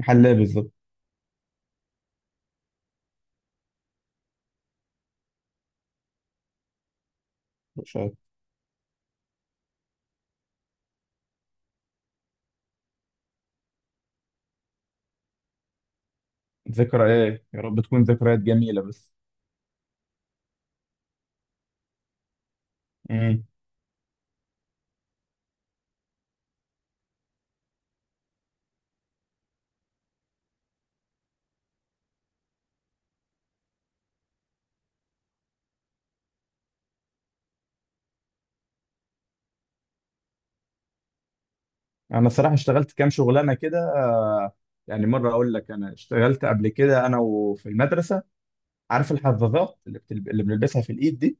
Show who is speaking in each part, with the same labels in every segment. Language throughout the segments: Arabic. Speaker 1: حلاه بالظبط. مش عارف. ذكريات يا رب تكون ذكريات جميله بس. امم. انا الصراحه اشتغلت كام شغلانه كده، يعني مره اقول لك انا اشتغلت قبل كده انا وفي المدرسه. عارف الحظاظات اللي بنلبسها في الايد دي؟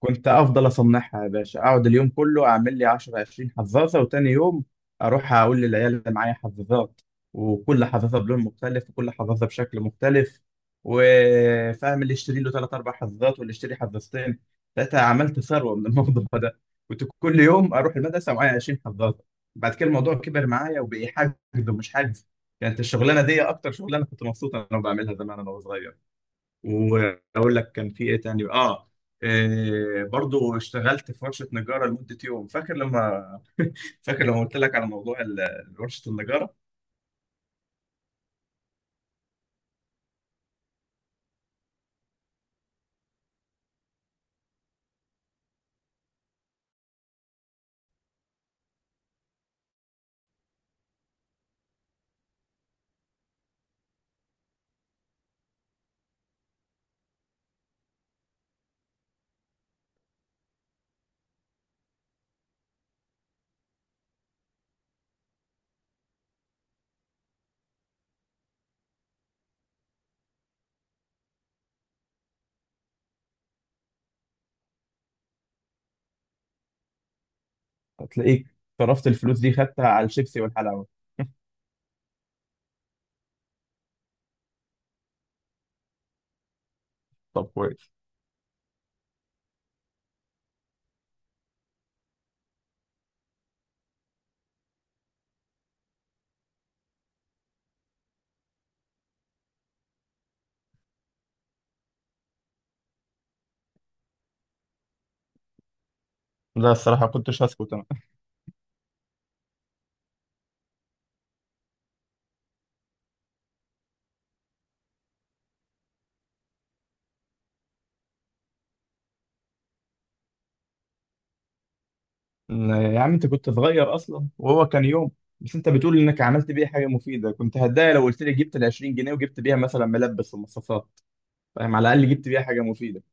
Speaker 1: كنت افضل اصنعها يا باشا، اقعد اليوم كله اعمل لي 10 20 حظاظه، وتاني يوم اروح اقول للعيال اللي معايا حظاظات، وكل حظاظه بلون مختلف وكل حظاظه بشكل مختلف. وفاهم اللي يشتري له ثلاث اربع حظاظات واللي يشتري حظاظتين ثلاثه. عملت ثروه من الموضوع ده. كنت كل يوم اروح المدرسه معايا 20 حظاظه. بعد كده الموضوع كبر معايا وبقي حاجز ومش حاجز. كانت الشغلانه دي اكتر شغلانه كنت مبسوط انا بعملها زمان انا وصغير. واقول لك كان في ايه تاني؟ اه، إيه، برضو اشتغلت في ورشه نجاره لمده يوم. فاكر لما قلت لك على موضوع ورشه النجاره. هتلاقيك صرفت الفلوس دي خدتها على الشيبسي والحلاوه. طب كويس. لا الصراحه كنتش هسكت انا. لا يا عم، انت كنت صغير اصلا وهو كان يوم. بس انت بتقول انك عملت بيه حاجه مفيده، كنت هتضايق لو قلت لي جبت ال 20 جنيه وجبت بيها مثلا ملبس ومصاصات. فاهم؟ على الاقل جبت بيها حاجه مفيده.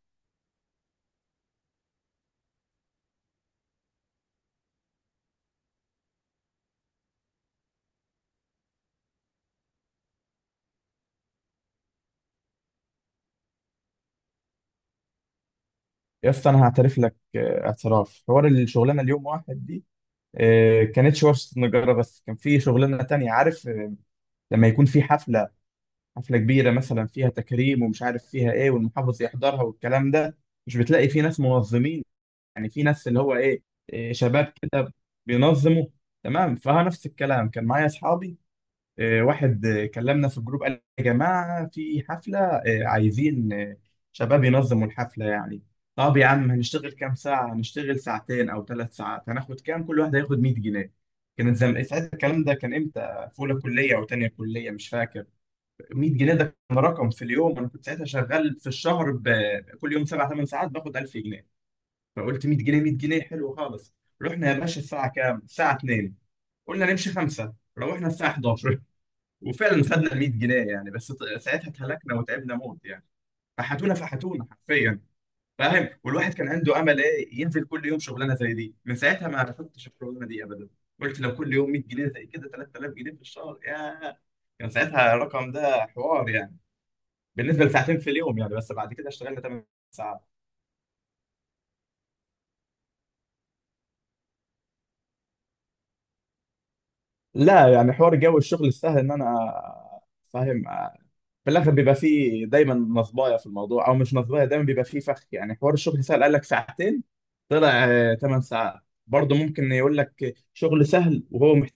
Speaker 1: يا اسطى انا هعترف لك اعتراف، حوار الشغلانه اليوم واحد دي، كانتش وصلت نجارة، بس كان في شغلانة تانية، عارف؟ لما يكون في حفلة، حفلة كبيرة مثلا فيها تكريم ومش عارف فيها ايه والمحافظ يحضرها والكلام ده، مش بتلاقي في ناس منظمين؟ يعني في ناس اللي هو ايه، شباب كده بينظموا. تمام، فها نفس الكلام كان معايا اصحابي، واحد كلمنا في الجروب، قال يا جماعة في حفلة، عايزين شباب ينظموا الحفلة يعني. طب يا عم، هنشتغل كام ساعة؟ هنشتغل ساعتين أو 3 ساعات، هناخد كام؟ كل واحد هياخد 100 جنيه. كانت ساعتها الكلام ده كان امتى؟ في أولى كلية أو تانية كلية، مش فاكر. 100 جنيه ده كان رقم في اليوم. أنا كنت ساعتها شغال في الشهر كل يوم 7 8 ساعات باخد 1000 جنيه. فقلت 100 جنيه، 100 جنيه حلو خالص. رحنا يا باشا، الساعة كام؟ الساعة 2. قلنا نمشي 5، روحنا الساعة 11. وفعلا خدنا 100 جنيه يعني، بس ساعتها اتهلكنا وتعبنا موت يعني. فحتونا فحتونا حرفيا. فاهم؟ والواحد كان عنده امل ايه، ينزل كل يوم شغلانه زي دي. من ساعتها ما رفضتش الشغلانه دي ابدا. قلت لو كل يوم 100 جنيه زي كده، 3000 جنيه في الشهر يا، كان ساعتها الرقم ده حوار يعني بالنسبه لساعتين في اليوم يعني. بس بعد كده اشتغلنا 8 ساعات. لا يعني، حوار جو الشغل السهل ان انا، فاهم؟ في الاخر بيبقى فيه دايما نصبايه في الموضوع او مش نصبايه، دايما بيبقى فيه فخ يعني. حوار الشغل سهل، قال لك ساعتين، طلع 8 ساعات. برضه ممكن يقول لك شغل سهل وهو محتاج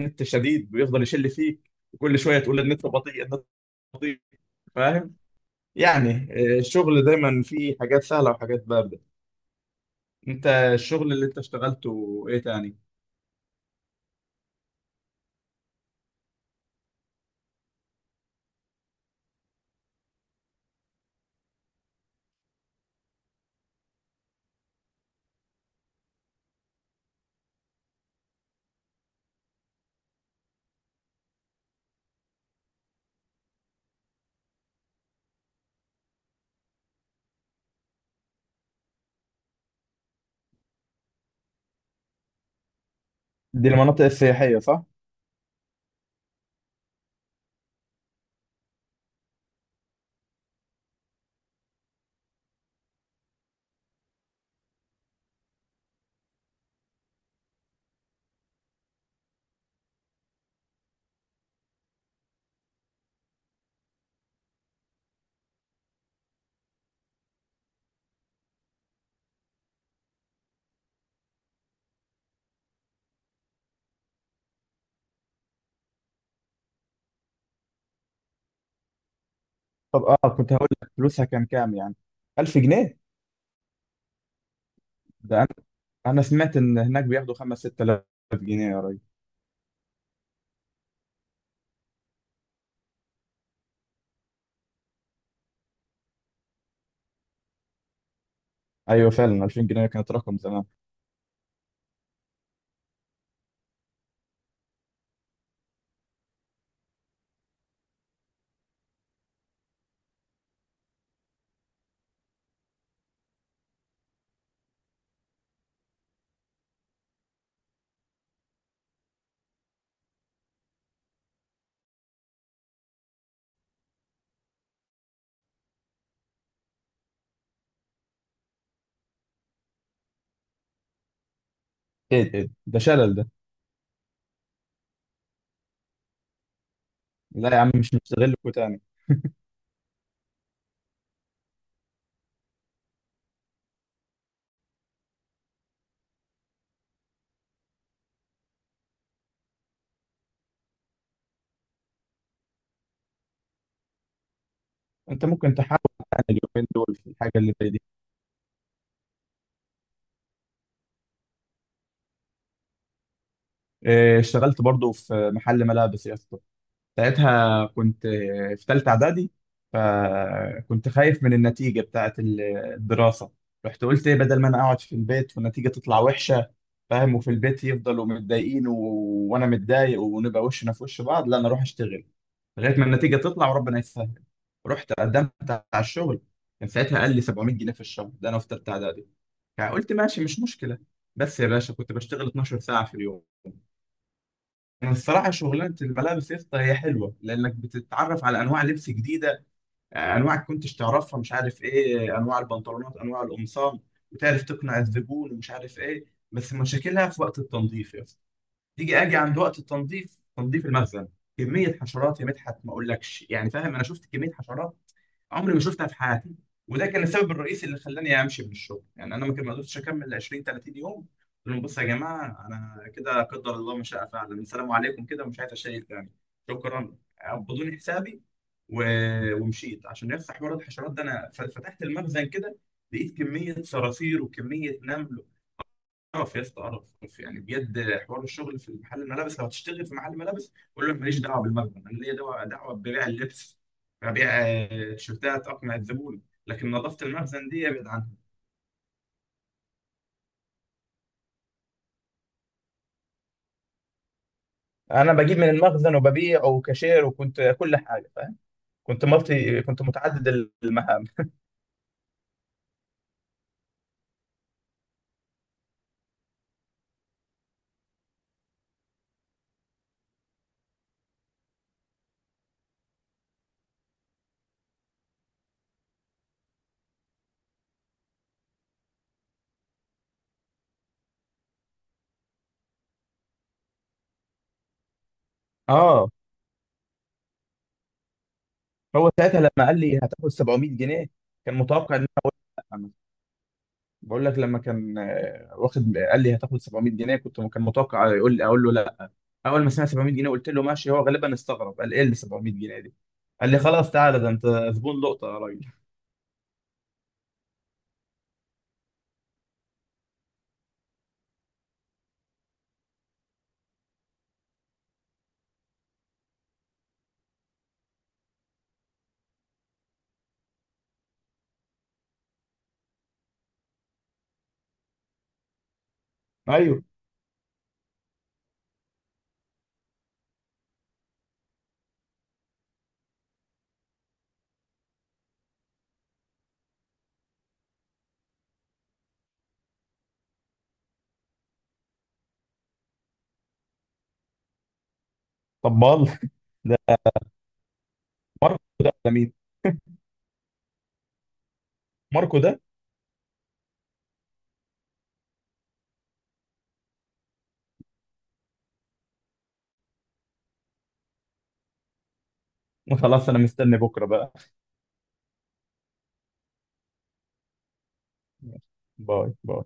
Speaker 1: نت شديد، ويفضل يشل فيك، وكل شويه تقول النت بطيء، النت بطيء. فاهم يعني؟ الشغل دايما فيه حاجات سهله وحاجات بارده. انت الشغل اللي انت اشتغلته ايه تاني؟ دي المناطق السياحيه، صح؟ طب اه، كنت هقول لك فلوسها كام كام يعني، 1000 جنيه؟ ده انا سمعت ان هناك بياخدوا 5 6000 جنيه يا راجل. ايوه فعلا، 2000 جنيه كانت رقم زمان. ايه ده، إيه ده، ده شلل ده. لا يا عم، مش مستغلكوا تاني. انت ممكن تحاول تاني اليومين دول في الحاجه اللي زي دي؟ إيه، اشتغلت برضو في محل ملابس يا اسطى. ساعتها كنت في تالتة إعدادي، فكنت خايف من النتيجة بتاعة الدراسة. رحت قلت إيه، بدل ما أنا أقعد في البيت والنتيجة تطلع وحشة، فاهم، وفي البيت يفضلوا متضايقين و... وأنا متضايق ونبقى وشنا في وش بعض، لا أنا أروح أشتغل لغاية ما النتيجة تطلع وربنا يسهل. رحت قدمت على الشغل، كان ساعتها قال لي 700 جنيه في الشهر. ده أنا في تالتة إعدادي، فقلت ماشي، مش مشكلة. بس يا باشا كنت بشتغل 12 ساعة في اليوم. يعني الصراحة شغلانة الملابس يا اسطى هي حلوة، لأنك بتتعرف على أنواع لبس جديدة، أنواع كنتش تعرفها، مش عارف إيه، أنواع البنطلونات، أنواع القمصان، وتعرف تقنع الزبون ومش عارف إيه. بس مشاكلها في وقت التنظيف يا اسطى. تيجي أجي عند وقت التنظيف، تنظيف المخزن، كمية حشرات يا مدحت ما أقولكش يعني. فاهم؟ أنا شفت كمية حشرات عمري ما شفتها في حياتي. وده كان السبب الرئيسي اللي خلاني امشي من الشغل يعني. انا ما كان، ما قدرتش اكمل 20 30 يوم. قلت لهم بصوا يا جماعه، انا كده قدر الله ما شاء فعل، السلام عليكم كده، ومش عايز اشيل تاني. شكرا. قبضوني حسابي و... ومشيت. عشان يفتح حوار الحشرات ده، انا فتحت المخزن كده، لقيت كميه صراصير وكميه نمل. اعرف يا اسطى، اعرف، اعرف يعني، بجد حوار الشغل في محل الملابس. لو هتشتغل في محل ملابس قول له أنا ماليش دعوه بالمخزن، انا ليا دعوه، دعوه ببيع اللبس، ببيع تيشيرتات، اقنع الزبون، لكن نظافه المخزن دي ابعد عنها. انا بجيب من المخزن وببيع وكاشير وكنت كل حاجه، فاهم؟ كنت مالتي، كنت متعدد المهام. اه، هو ساعتها لما قال لي هتاخد 700 جنيه كان متوقع ان، لا. بقول لك، لما كان واخد، قال لي هتاخد 700 جنيه، كنت كان متوقع يقول لي اقول له لا. اول ما سمع 700 جنيه قلت له ماشي. هو غالبا استغرب، قال ايه اللي 700 جنيه دي؟ قال لي خلاص تعالى، ده انت زبون لقطه يا راجل. ايوه. طب بال ده، ماركو ده ولا مين؟ ماركو ده؟ خلاص انا مستني بكره بقى. باي باي.